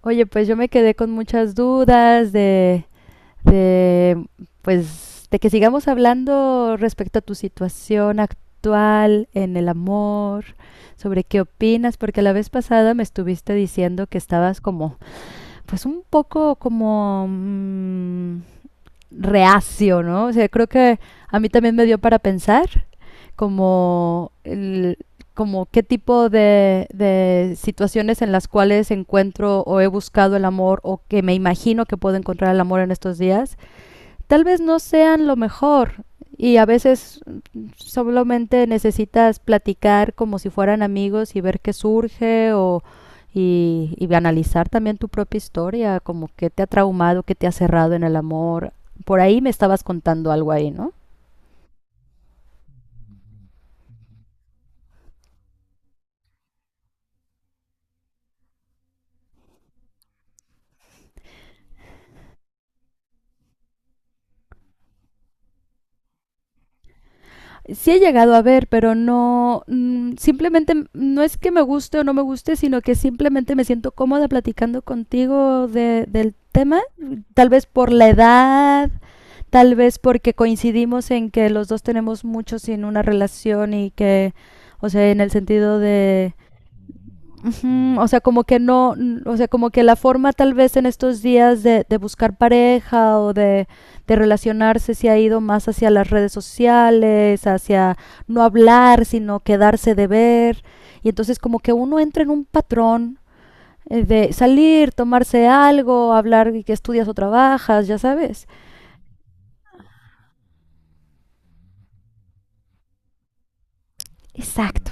Oye, pues yo me quedé con muchas dudas de, pues, de que sigamos hablando respecto a tu situación actual en el amor, sobre qué opinas, porque la vez pasada me estuviste diciendo que estabas como, pues un poco como, reacio, ¿no? O sea, creo que a mí también me dio para pensar como, el, como qué tipo de situaciones en las cuales encuentro o he buscado el amor o que me imagino que puedo encontrar el amor en estos días, tal vez no sean lo mejor y a veces solamente necesitas platicar como si fueran amigos y ver qué surge y analizar también tu propia historia, como qué te ha traumado, qué te ha cerrado en el amor. Por ahí me estabas contando algo ahí, ¿no? Sí he llegado a ver, pero no, simplemente no es que me guste o no me guste, sino que simplemente me siento cómoda platicando contigo del tema, tal vez por la edad, tal vez porque coincidimos en que los dos tenemos mucho sin una relación y que, o sea, en el sentido de. Ujú. O sea, como que no, o sea, como que la forma tal vez en estos días de buscar pareja de relacionarse se ha ido más hacia las redes sociales, hacia no hablar, sino quedarse de ver. Y entonces como que uno entra en un patrón de salir, tomarse algo, hablar y que estudias o trabajas, ya sabes. Exacto.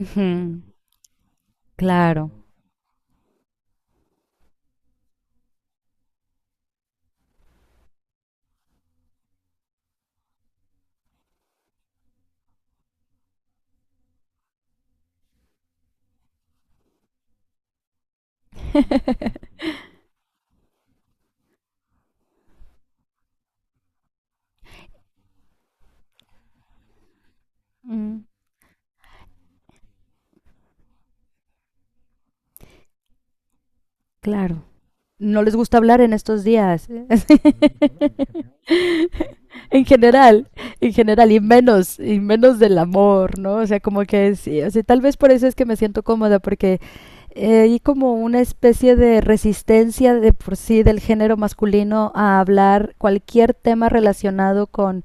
Ujú. Claro. Mm, claro. No les gusta hablar en estos días. en general, en general, y menos del amor, ¿no? O sea, como que sí, o sea, tal vez por eso es que me siento cómoda, porque hay como una especie de resistencia de por sí del género masculino a hablar cualquier tema relacionado con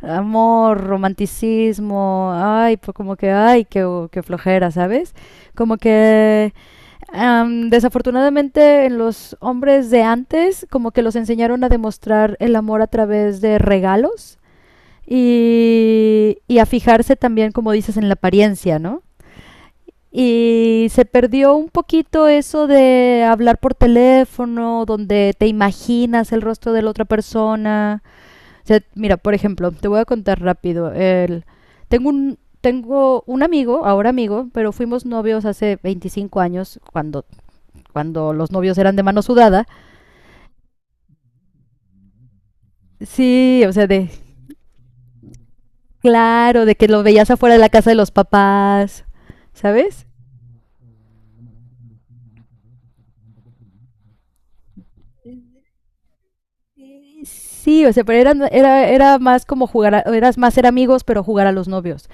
amor, romanticismo, ay, pues como que, ay, qué, qué flojera, ¿sabes? Como que. Desafortunadamente en los hombres de antes como que los enseñaron a demostrar el amor a través de regalos y a fijarse también, como dices, en la apariencia, ¿no? Y se perdió un poquito eso de hablar por teléfono, donde te imaginas el rostro de la otra persona. O sea, mira, por ejemplo, te voy a contar rápido. Tengo tengo un amigo, ahora amigo, pero fuimos novios hace 25 años, cuando los novios eran de mano sudada. Sí, o sea, de. Claro, de que los veías afuera de la casa de los papás, ¿sabes? Sí, o sea, pero eran, era, era más como jugar, eras más ser amigos, pero jugar a los novios.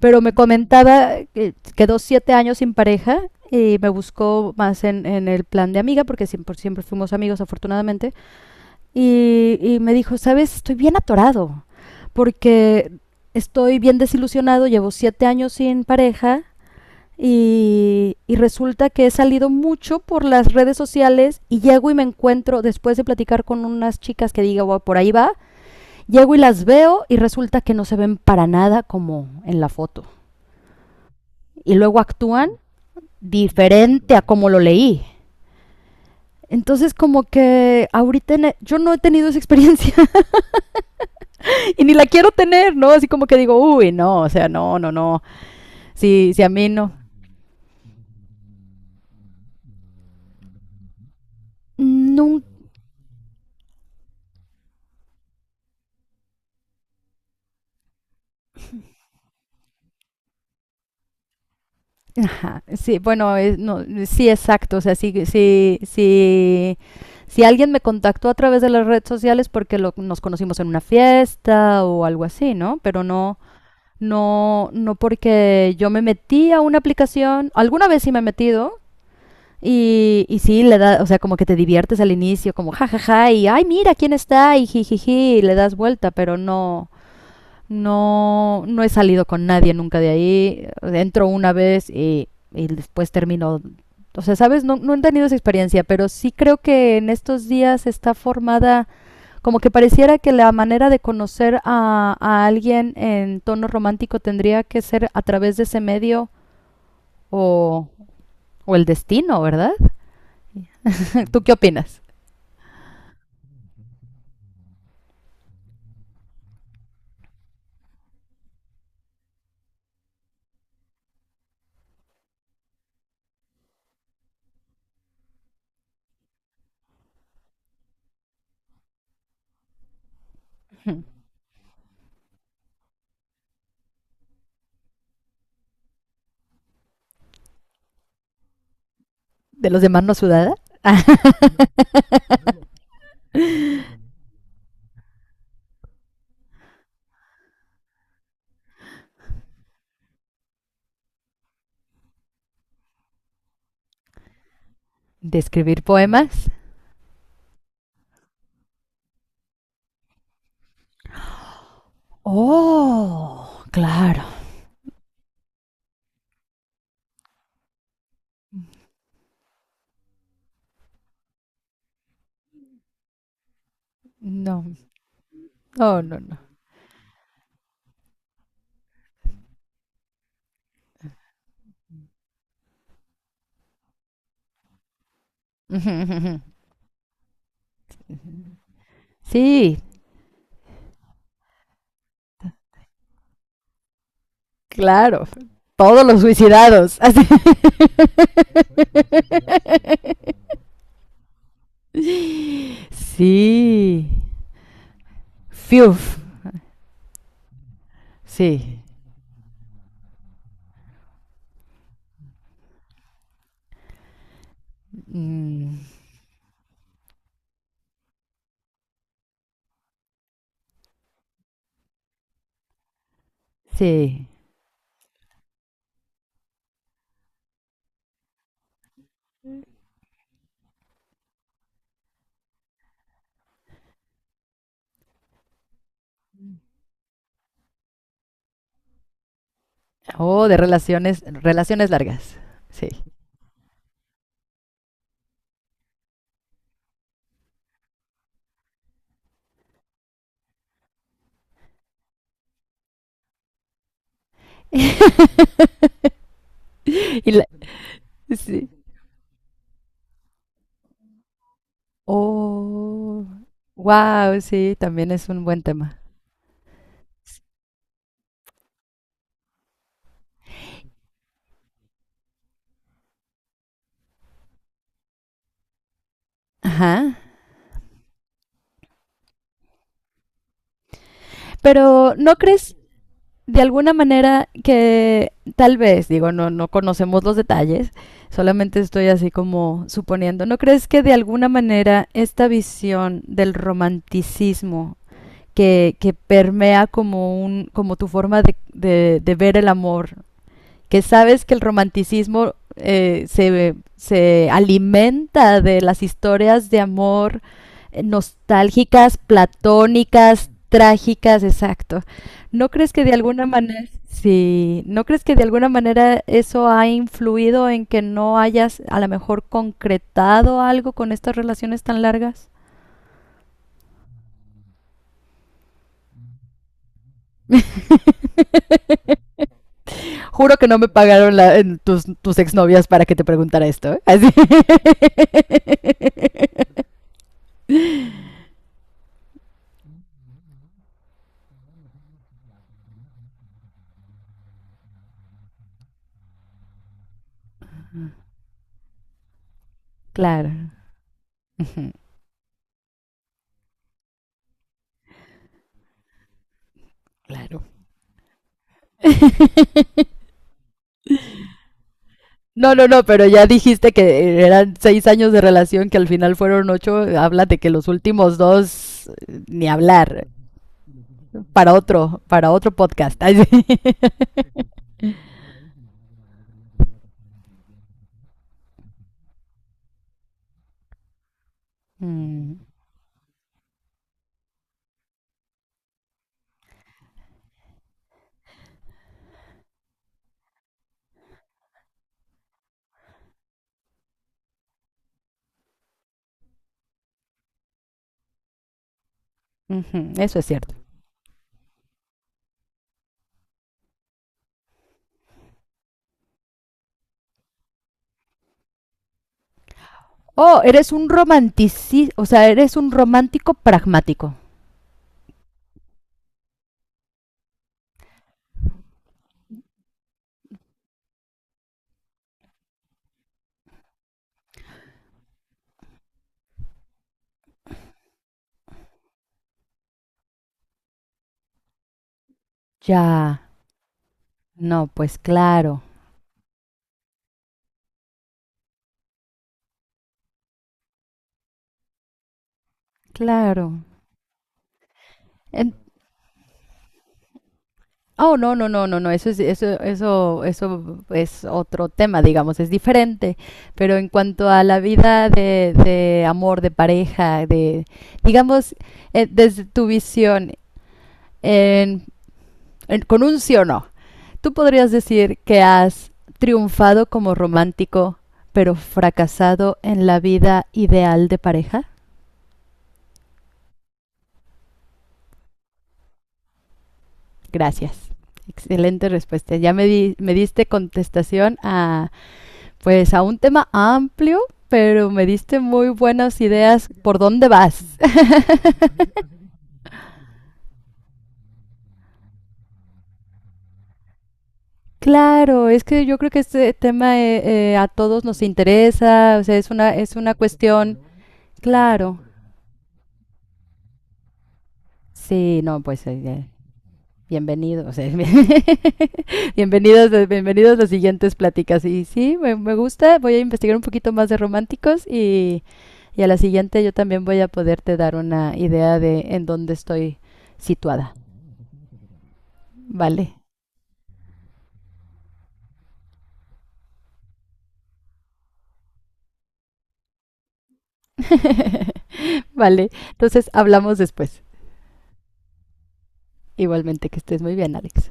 Pero me comentaba que quedó 7 años sin pareja y me buscó más en el plan de amiga, porque siempre, siempre fuimos amigos, afortunadamente. Y me dijo, ¿sabes? Estoy bien atorado, porque estoy bien desilusionado, llevo 7 años sin pareja. Y resulta que he salido mucho por las redes sociales y llego y me encuentro, después de platicar con unas chicas que digo, "Wow, por ahí va, llego y las veo y resulta que no se ven para nada como en la foto. Y luego actúan diferente a como lo leí". Entonces como que ahorita yo no he tenido esa experiencia y ni la quiero tener, ¿no? Así como que digo, uy, no, o sea, no, no, no, sí, sí a mí no. Nunca. Ajá, sí, bueno, no, sí, exacto. O sea, sí, sí, sí, si alguien me contactó a través de las redes sociales porque nos conocimos en una fiesta o algo así, ¿no? Pero no, no, no porque yo me metí a una aplicación. Alguna vez sí me he metido y sí, le da, o sea, como que te diviertes al inicio, como jajaja, y ay, mira quién está, y jijiji, y le das vuelta, pero no, no, no he salido con nadie nunca de ahí. Entro una vez y después termino. O sea, ¿sabes? No, no he tenido esa experiencia, pero sí creo que en estos días está formada, como que pareciera que la manera de conocer a alguien en tono romántico tendría que ser a través de ese medio o, o el destino, ¿verdad? ¿Tú qué opinas? ¿De los demás no sudada? ¿De escribir poemas? Oh, claro. No, no, no, no. Ujú, ujú. Sí, claro. Todos los suicidados. Así. Sí. Fiuf. Sí. Mm. Sí. Oh, de relaciones, relaciones largas. Sí. Y la- sí. Oh. Wow, sí, también es un buen tema. Ajá. Pero ¿no crees de alguna manera que tal vez, digo, no, no conocemos los detalles, solamente estoy así como suponiendo, ¿no crees que de alguna manera esta visión del romanticismo que permea como, un, como tu forma de ver el amor, que sabes que el romanticismo se, se alimenta de las historias de amor nostálgicas, platónicas, trágicas, exacto? ¿No crees que de alguna manera, sí, no crees que de alguna manera eso ha influido en que no hayas a lo mejor concretado algo con estas relaciones tan largas? Juro que no me pagaron en tus, tus exnovias para que te preguntara esto, ¿eh? Así. Claro. Ujú. Claro. No, no, no, pero ya dijiste que eran 6 años de relación, que al final fueron ocho. Habla de que los últimos dos, ni hablar. Para otro podcast. Ay, sí. Mm, ujú. Eso es cierto. Oh, eres un romantici, o sea, eres un romántico pragmático. Ya. No, pues claro, claro. En-. Oh, no, no, no, no, no, eso es, eso es otro tema, digamos, es diferente. Pero en cuanto a la vida de amor, de pareja, de, digamos, desde tu visión, en- en- con un sí o no, tú podrías decir que has triunfado como romántico, pero fracasado en la vida ideal de pareja. Gracias. Excelente respuesta. Ya me, me diste contestación a pues a un tema amplio, pero me diste muy buenas ideas por dónde vas. claro, es que yo creo que este tema a todos nos interesa, o sea, es una cuestión, claro. Sí, no, pues bienvenidos, o sea, bienvenidos, bienvenidos a las siguientes pláticas. Y sí, me gusta, voy a investigar un poquito más de románticos y a la siguiente yo también voy a poderte dar una idea de en dónde estoy situada. Vale. Vale, entonces hablamos después. Igualmente, que estés muy bien, Alex.